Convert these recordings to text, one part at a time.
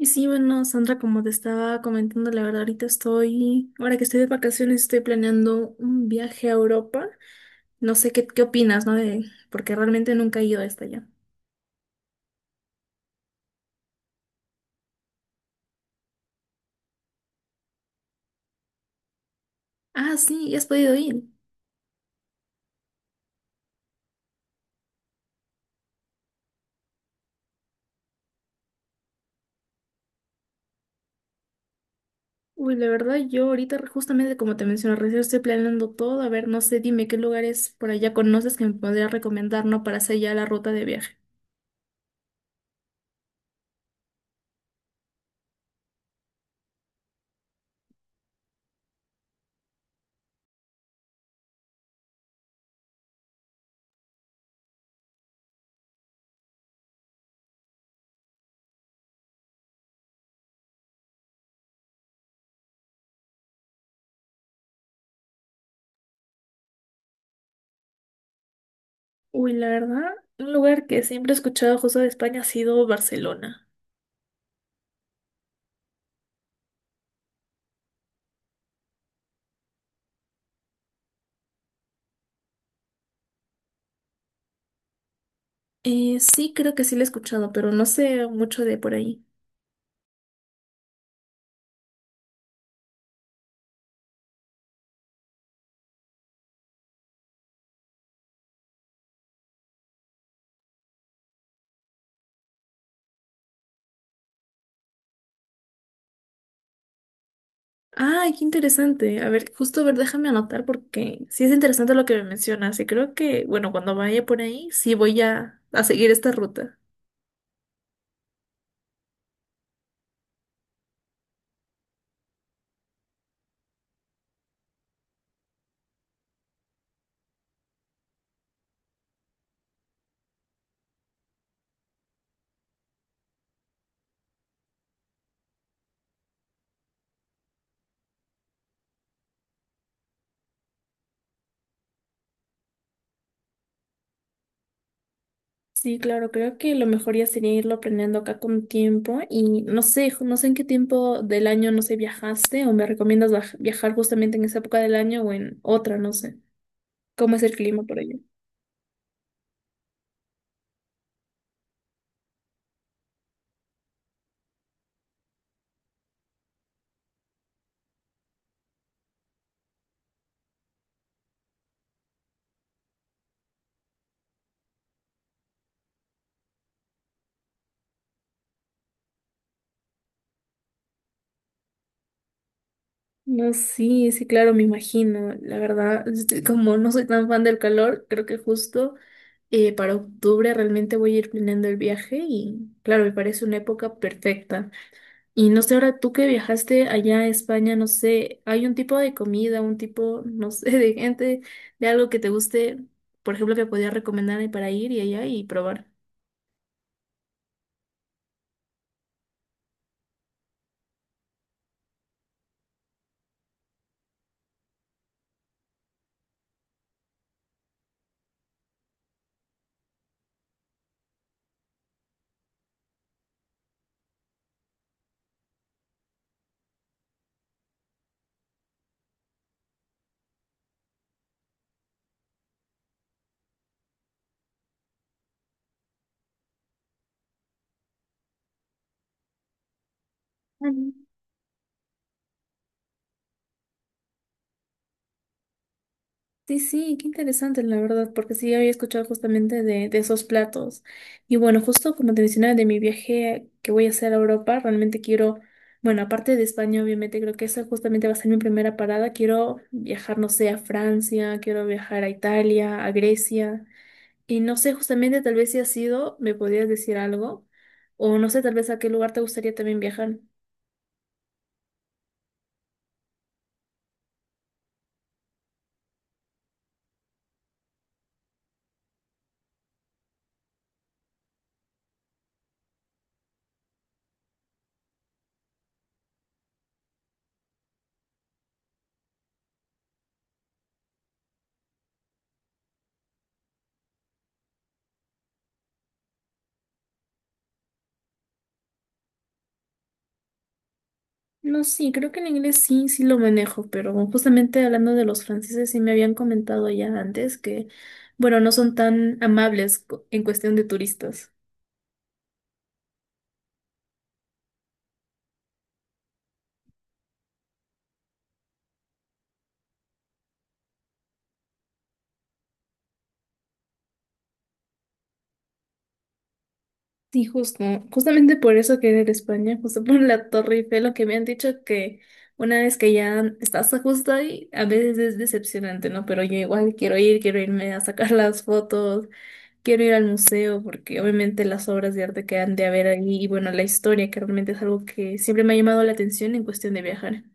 Y sí, bueno, Sandra, como te estaba comentando, la verdad, ahorita estoy, ahora que estoy de vacaciones, estoy planeando un viaje a Europa. No sé qué opinas, ¿no? De, porque realmente nunca he ido hasta allá. Ah, sí, ya has podido ir. Uy, la verdad, yo ahorita, justamente como te mencioné, recién estoy planeando todo. A ver, no sé, dime qué lugares por allá conoces que me podrías recomendar, ¿no? Para hacer ya la ruta de viaje. Uy, la verdad, un lugar que siempre he escuchado justo de España ha sido Barcelona. Sí, creo que sí lo he escuchado, pero no sé mucho de por ahí. Ay, qué interesante. A ver, justo, a ver, déjame anotar porque sí es interesante lo que me mencionas y creo que, bueno, cuando vaya por ahí, sí voy a seguir esta ruta. Sí, claro, creo que lo mejor ya sería irlo planeando acá con tiempo y no sé, no sé en qué tiempo del año, no sé, viajaste o me recomiendas viajar justamente en esa época del año o en otra, no sé. ¿Cómo es el clima por allá? No, sí, sí, claro, me imagino. La verdad, este, como no soy tan fan del calor, creo que justo. Para octubre realmente voy a ir planeando el viaje y claro, me parece una época perfecta. Y no sé, ahora tú que viajaste allá a España, no sé, ¿hay un tipo de comida, un tipo, no sé, de gente, de algo que te guste, por ejemplo, que podías recomendarme para ir y allá y probar? Sí, sí, qué interesante, la verdad, porque sí había escuchado justamente de esos platos. Y bueno, justo como te mencionaba de mi viaje que voy a hacer a Europa, realmente quiero, bueno, aparte de España, obviamente, creo que esa justamente va a ser mi primera parada. Quiero viajar, no sé, a Francia, quiero viajar a Italia, a Grecia. Y no sé, justamente, tal vez si has ido, me podrías decir algo. O no sé, tal vez a qué lugar te gustaría también viajar. No, sí, creo que el inglés sí, sí lo manejo, pero justamente hablando de los franceses, sí me habían comentado ya antes que, bueno, no son tan amables en cuestión de turistas. Sí, justo, justamente por eso quería ir a España, justo por la Torre Eiffel, lo que me han dicho que una vez que ya estás justo ahí, a veces es decepcionante, ¿no? Pero yo igual quiero ir, quiero irme a sacar las fotos. Quiero ir al museo porque obviamente las obras de arte que han de haber ahí y bueno, la historia que realmente es algo que siempre me ha llamado la atención en cuestión de viajar.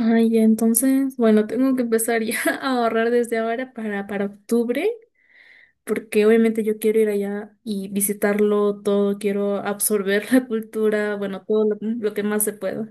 Ay, ya, entonces, bueno, tengo que empezar ya a ahorrar desde ahora para octubre porque obviamente yo quiero ir allá y visitarlo todo, quiero absorber la cultura, bueno, todo lo que más se pueda.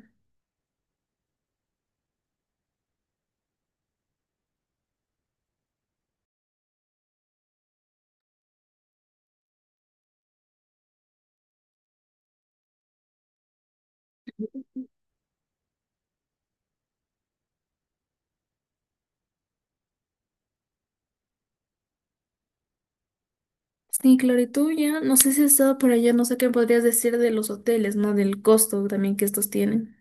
Sí, claro, y tú ya, no sé si has estado por allá, no sé qué podrías decir de los hoteles, ¿no? Del costo también que estos tienen.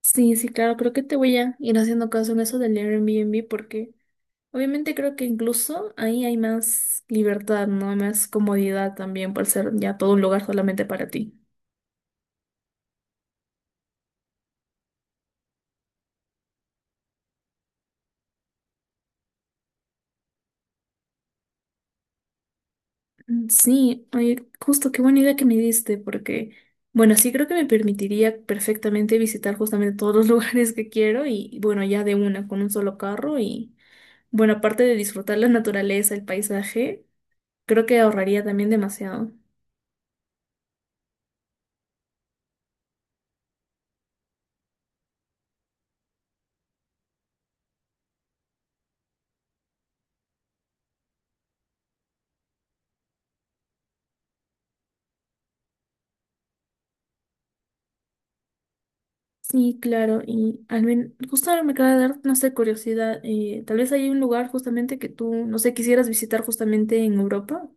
Sí, sí, claro, creo que te voy a ir haciendo caso en eso del Airbnb porque obviamente creo que incluso ahí hay más libertad, ¿no? Hay más comodidad también por ser ya todo un lugar solamente para ti. Mm, sí, oye, justo qué buena idea que me diste porque, bueno, sí creo que me permitiría perfectamente visitar justamente todos los lugares que quiero y bueno, ya de una, con un solo carro y bueno, aparte de disfrutar la naturaleza, el paisaje, creo que ahorraría también demasiado. Sí, claro, y al menos, justo ahora me acaba de dar, no sé, curiosidad, tal vez hay un lugar justamente que tú, no sé, quisieras visitar justamente en Europa.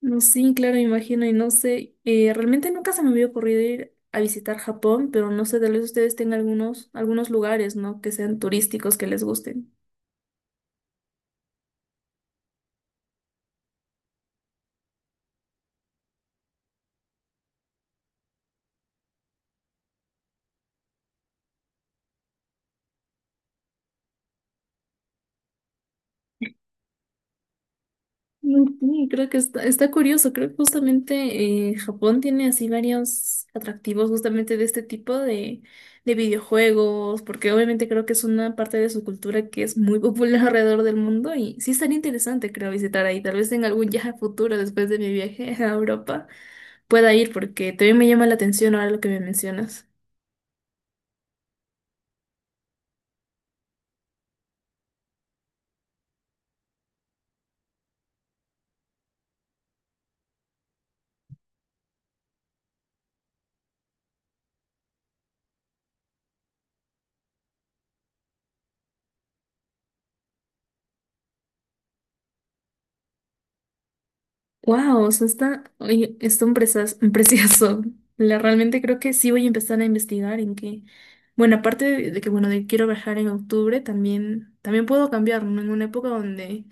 No, sí, claro, me imagino, y no sé, realmente nunca se me había ocurrido ir a visitar Japón, pero no sé, tal vez ustedes tengan algunos, algunos lugares, ¿no? Que sean turísticos, que les gusten. Mm, sí, creo que está, está curioso. Creo que justamente Japón tiene así varios atractivos justamente de este tipo de videojuegos, porque obviamente creo que es una parte de su cultura que es muy popular alrededor del mundo y sí estaría interesante, creo, visitar ahí. Tal vez en algún viaje futuro, después de mi viaje a Europa, pueda ir porque también me llama la atención ahora lo que me mencionas. Wow, o sea, está, oye, está un precioso. La, realmente creo que sí voy a empezar a investigar en que, bueno, aparte de que, bueno, de que quiero viajar en octubre, también puedo cambiar, ¿no? En una época donde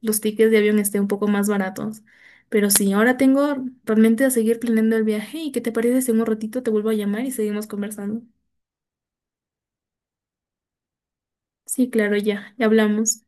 los tickets de avión estén un poco más baratos. Pero sí, ahora tengo realmente a seguir planeando el viaje y ¿qué te parece si en un ratito te vuelvo a llamar y seguimos conversando? Sí, claro, ya, ya hablamos.